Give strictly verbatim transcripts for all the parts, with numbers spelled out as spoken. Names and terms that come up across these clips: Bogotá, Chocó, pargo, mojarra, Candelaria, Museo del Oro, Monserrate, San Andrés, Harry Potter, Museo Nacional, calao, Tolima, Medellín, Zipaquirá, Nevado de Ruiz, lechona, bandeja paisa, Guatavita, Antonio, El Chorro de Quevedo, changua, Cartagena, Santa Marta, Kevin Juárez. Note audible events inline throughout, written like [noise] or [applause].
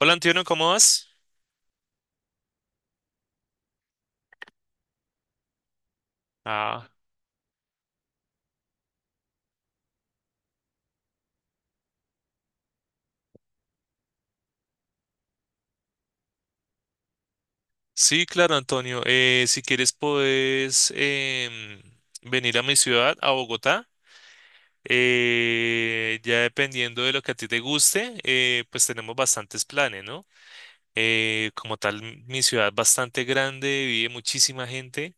Hola Antonio, ¿cómo vas? Ah, sí, claro, Antonio. Eh, si quieres, puedes em, venir a mi ciudad, a Bogotá. Eh, ya dependiendo de lo que a ti te guste, eh, pues tenemos bastantes planes, ¿no? Eh, como tal, mi ciudad es bastante grande, vive muchísima gente.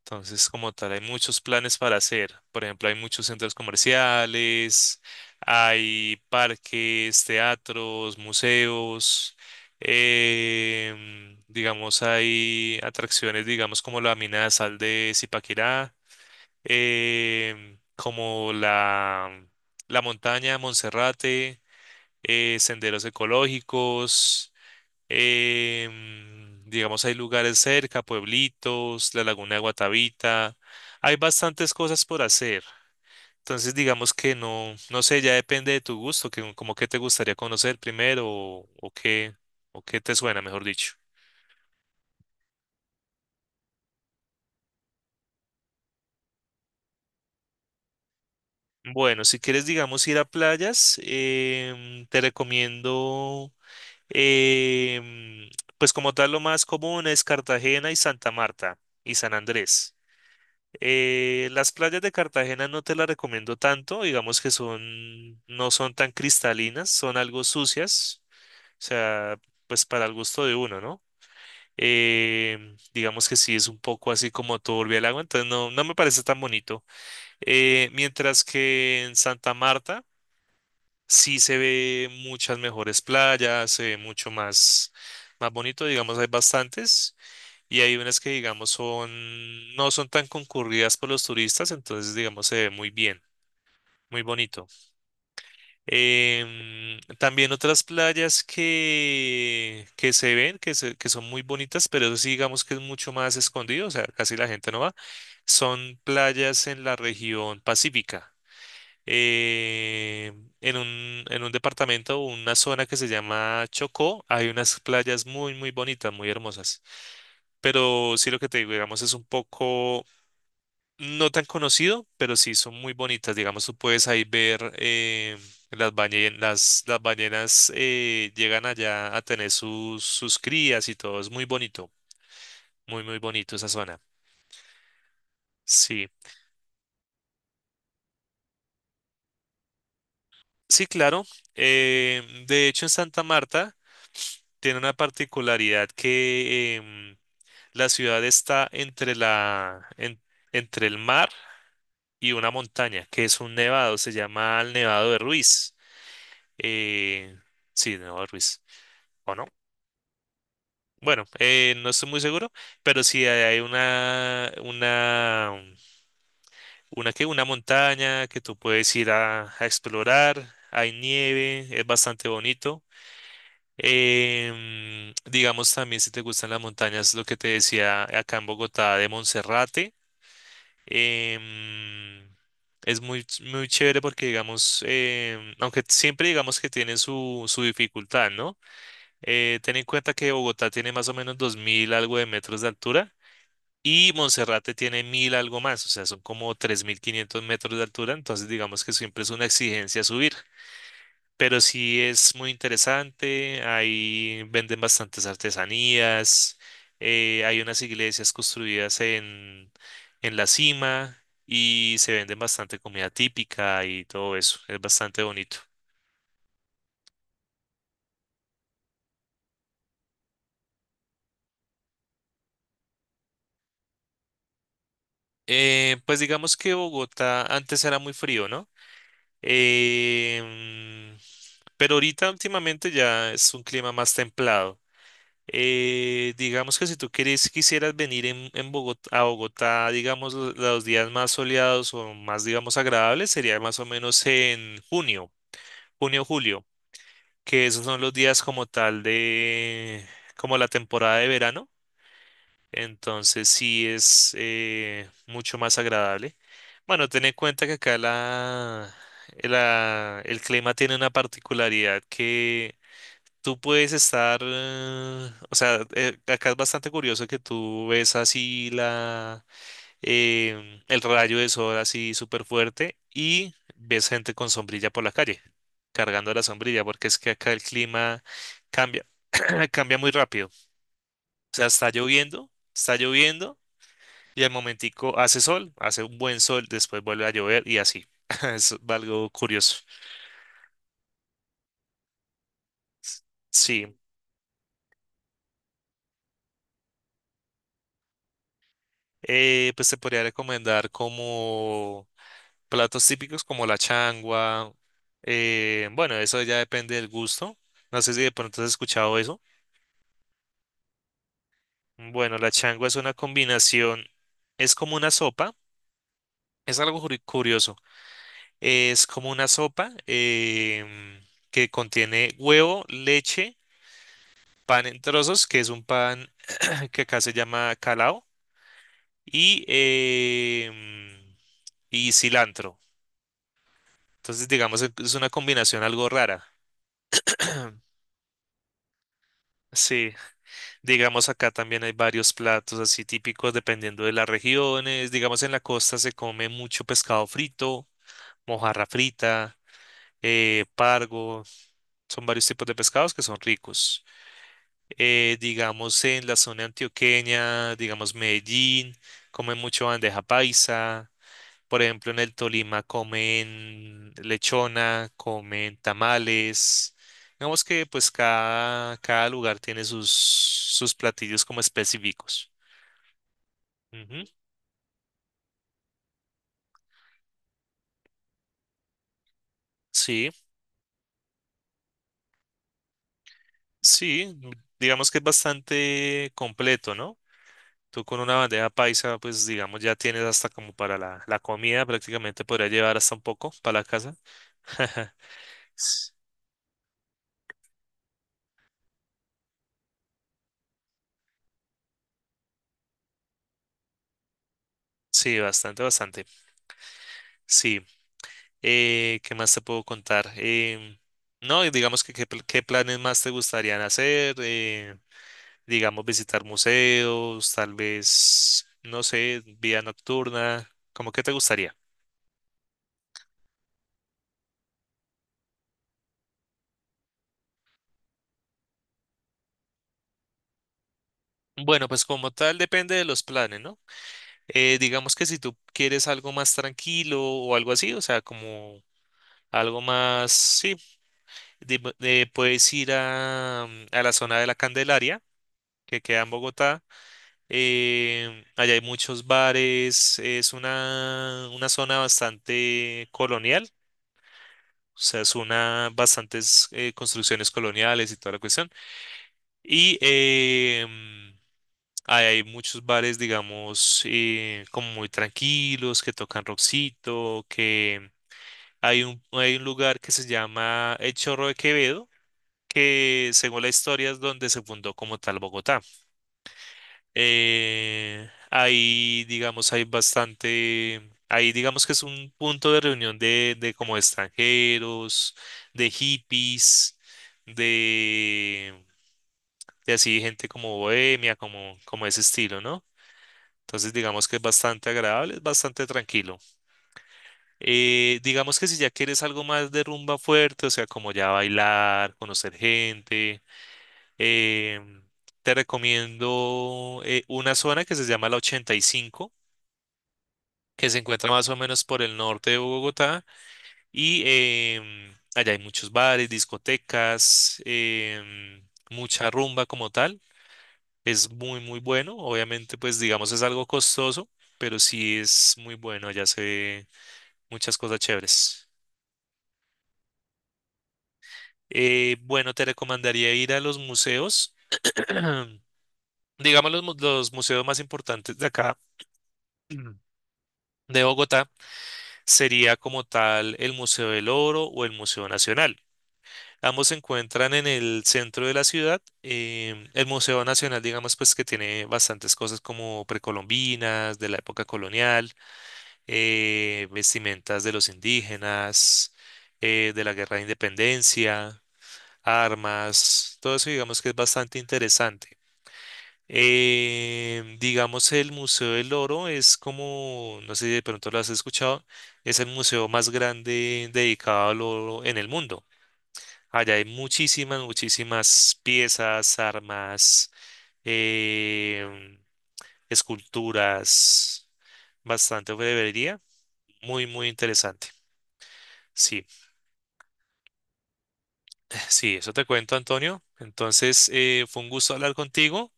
Entonces, como tal, hay muchos planes para hacer. Por ejemplo, hay muchos centros comerciales, hay parques, teatros, museos, em, digamos, hay atracciones, digamos, como la mina de sal de Zipaquirá, em, como la, la montaña de Monserrate, eh, senderos ecológicos. Em, digamos, hay lugares cerca, pueblitos, la laguna de Guatavita. Hay bastantes cosas por hacer. Entonces, digamos que no, no sé, ya depende de tu gusto, que, como que te gustaría conocer primero o, o qué, o qué te suena, mejor dicho. Bueno, si quieres, digamos, ir a playas, em, te recomiendo, em, pues como tal, lo más común es Cartagena y Santa Marta y San Andrés. Eh, las playas de Cartagena no te las recomiendo tanto, digamos que son, no son tan cristalinas, son algo sucias, o sea, pues para el gusto de uno, ¿no? Eh, digamos que sí es un poco así como turbia el agua, entonces no, no me parece tan bonito. Eh, mientras que en Santa Marta sí se ve muchas mejores playas, se ve mucho más, más bonito, digamos, hay bastantes. Y hay unas que, digamos, son, no son tan concurridas por los turistas, entonces, digamos, se ve muy bien, muy bonito. Em, también otras playas que, que se ven, que, se- que son muy bonitas, pero eso sí, digamos que es mucho más escondido, o sea, casi la gente no va, son playas en la región pacífica. Em, en un, en un departamento o una zona que se llama Chocó, hay unas playas muy, muy bonitas, muy hermosas. Pero sí lo que te digo, digamos, es un poco No tan conocido, pero sí son muy bonitas. Digamos, tú puedes ahí ver eh, las ballenas, las, las ballenas eh, llegan allá a tener sus, sus crías y todo. Es muy bonito, muy, muy bonito esa zona. Sí, sí, claro. Eh, de hecho, en Santa Marta tiene una particularidad que em, la ciudad está entre la, en- entre el mar y una montaña, que es un nevado, se llama el Nevado de Ruiz. Eh, sí, Nevado de Ruiz. ¿O no? Bueno, eh, no estoy muy seguro, pero sí hay hay una, una, una, ¿qué? Una montaña que tú puedes ir a, a explorar, hay nieve, es bastante bonito. Em, digamos también si te gustan las montañas, lo que te decía acá en Bogotá de Monserrate, em, es muy, ch- muy chévere porque digamos, em, aunque siempre digamos que tiene su, su dificultad, ¿no? Eh, ten en cuenta que Bogotá tiene más o menos dos mil algo de metros de altura. Y Monserrate tiene mil algo más, o sea, son como tres mil quinientos metros de altura, entonces digamos que siempre es una exigencia subir. Pero sí es muy interesante, ahí venden bastantes artesanías, eh, hay unas iglesias construidas en, en la cima y se venden bastante comida típica y todo eso, es bastante bonito. Eh, pues digamos que Bogotá antes era muy frío, ¿no? Em, pero ahorita últimamente ya es un clima más templado. Eh, digamos que si tú quieres, quisieras venir en, en Bogotá, a Bogotá, digamos, lo- los días más soleados o más, digamos, agradables, sería más o menos en junio, junio, julio, que esos son los días como tal de, como la temporada de verano. Entonces sí es eh, mucho más agradable. Bueno, ten en cuenta que acá la, la- el clima tiene una particularidad que tú puedes estar, eh, o sea, eh, acá es bastante curioso que tú ves así la, em, el rayo de sol así súper fuerte y ves gente con sombrilla por la calle, cargando la sombrilla, porque es que acá el clima cambia, [clears throat] cambia, muy rápido. O sea, está lloviendo, está lloviendo y al momentico hace sol, hace un buen sol, después vuelve a llover y así. [laughs] Es algo curioso. Sí, eh, pues te podría recomendar como platos típicos como la changua. eh, bueno, eso ya depende del gusto. No sé si de pronto has escuchado eso. Bueno, la changua es una combinación, es como una sopa, es algo curi- curioso. Es como una sopa em, que contiene huevo, leche pan en trozos, que es un pan [clears throat] que acá se llama calao, y, em, y cilantro. Entonces, digamos, es es una combinación algo rara. [clears throat] Sí, digamos acá también hay varios platos así típicos dependiendo de las regiones. Digamos en la costa se come mucho pescado frito, mojarra frita, eh, pargo. Son varios tipos de pescados que son ricos. eh, digamos en la zona antioqueña, digamos Medellín, comen mucho bandeja paisa, por ejemplo en el Tolima comen lechona, comen tamales, digamos que pues cada, cada lugar tiene sus, sus platillos como específicos. Ujú, sí, sí, digamos que es bastante completo, ¿no? Tú con una bandeja paisa, pues digamos, ya tienes hasta como para la, la comida, prácticamente podría llevar hasta un poco para la casa. [laughs] [laughs] Sí, bastante, bastante. Sí. Eh, ¿qué más te puedo contar? Em, no, y digamos que qué, pl- qué planes más te gustarían hacer. Eh, digamos, visitar museos, tal vez, no sé, vida nocturna. ¿Cómo que te gustaría? Bueno, pues como tal depende de los planes, ¿no? Eh, digamos que si tú quieres algo más tranquilo o algo así, o sea, como algo más, sí, di- eh, puedes ir a, mm, a la zona de la Candelaria, que queda en Bogotá. Eh, allá hay muchos bares, es una, una zona bastante colonial, o sea, es una bastantes eh, construcciones coloniales y toda la cuestión. Y em, ahí hay muchos bares, digamos, eh, como muy tranquilos, que tocan rockcito, que hay un, hay un lugar que se llama El Chorro de Quevedo, que según la historia es donde se fundó como tal Bogotá. Eh, ahí, digamos, hay bastante, ahí digamos que es un punto de reunión de, de como extranjeros, de hippies, de, de así gente como bohemia, como, como ese estilo, ¿no? Entonces digamos que es bastante agradable, es bastante tranquilo. Eh, digamos que si ya quieres algo más de rumba fuerte, o sea, como ya bailar, conocer gente, em, te recomiendo eh, una zona que se llama la ochenta y cinco, que se encuentra más o menos por el norte de Bogotá y em, allá hay muchos bares, discotecas, em, mucha rumba como tal. Es muy, muy bueno. Obviamente, pues digamos es algo costoso, pero sí es muy bueno. Allá se ve muchas cosas chéveres. Eh, bueno, te recomendaría ir a los museos, [clears throat] digamos los, mu- los museos más importantes de acá, [clears throat] de Bogotá, sería como tal el Museo del Oro o el Museo Nacional. Ambos se encuentran en el centro de la ciudad. em, el Museo Nacional, digamos, pues que tiene bastantes cosas como precolombinas, de la época colonial, eh, vestimentas de los indígenas, eh, de la Guerra de Independencia, armas, todo eso digamos que es bastante interesante. Em, digamos, el Museo del Oro es como, no sé si de pronto lo has escuchado, es el museo más grande dedicado al oro en el mundo. Allá hay muchísimas, muchísimas piezas, armas, em, esculturas, bastante orfebrería. Muy, muy interesante. Sí, [laughs] [sighs] sí, eso te cuento, Antonio. Entonces, eh, fue un gusto hablar contigo.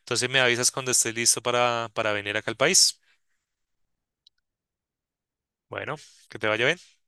Entonces, me avisas cuando estés listo para, para venir acá al país. Bueno, que te vaya bien.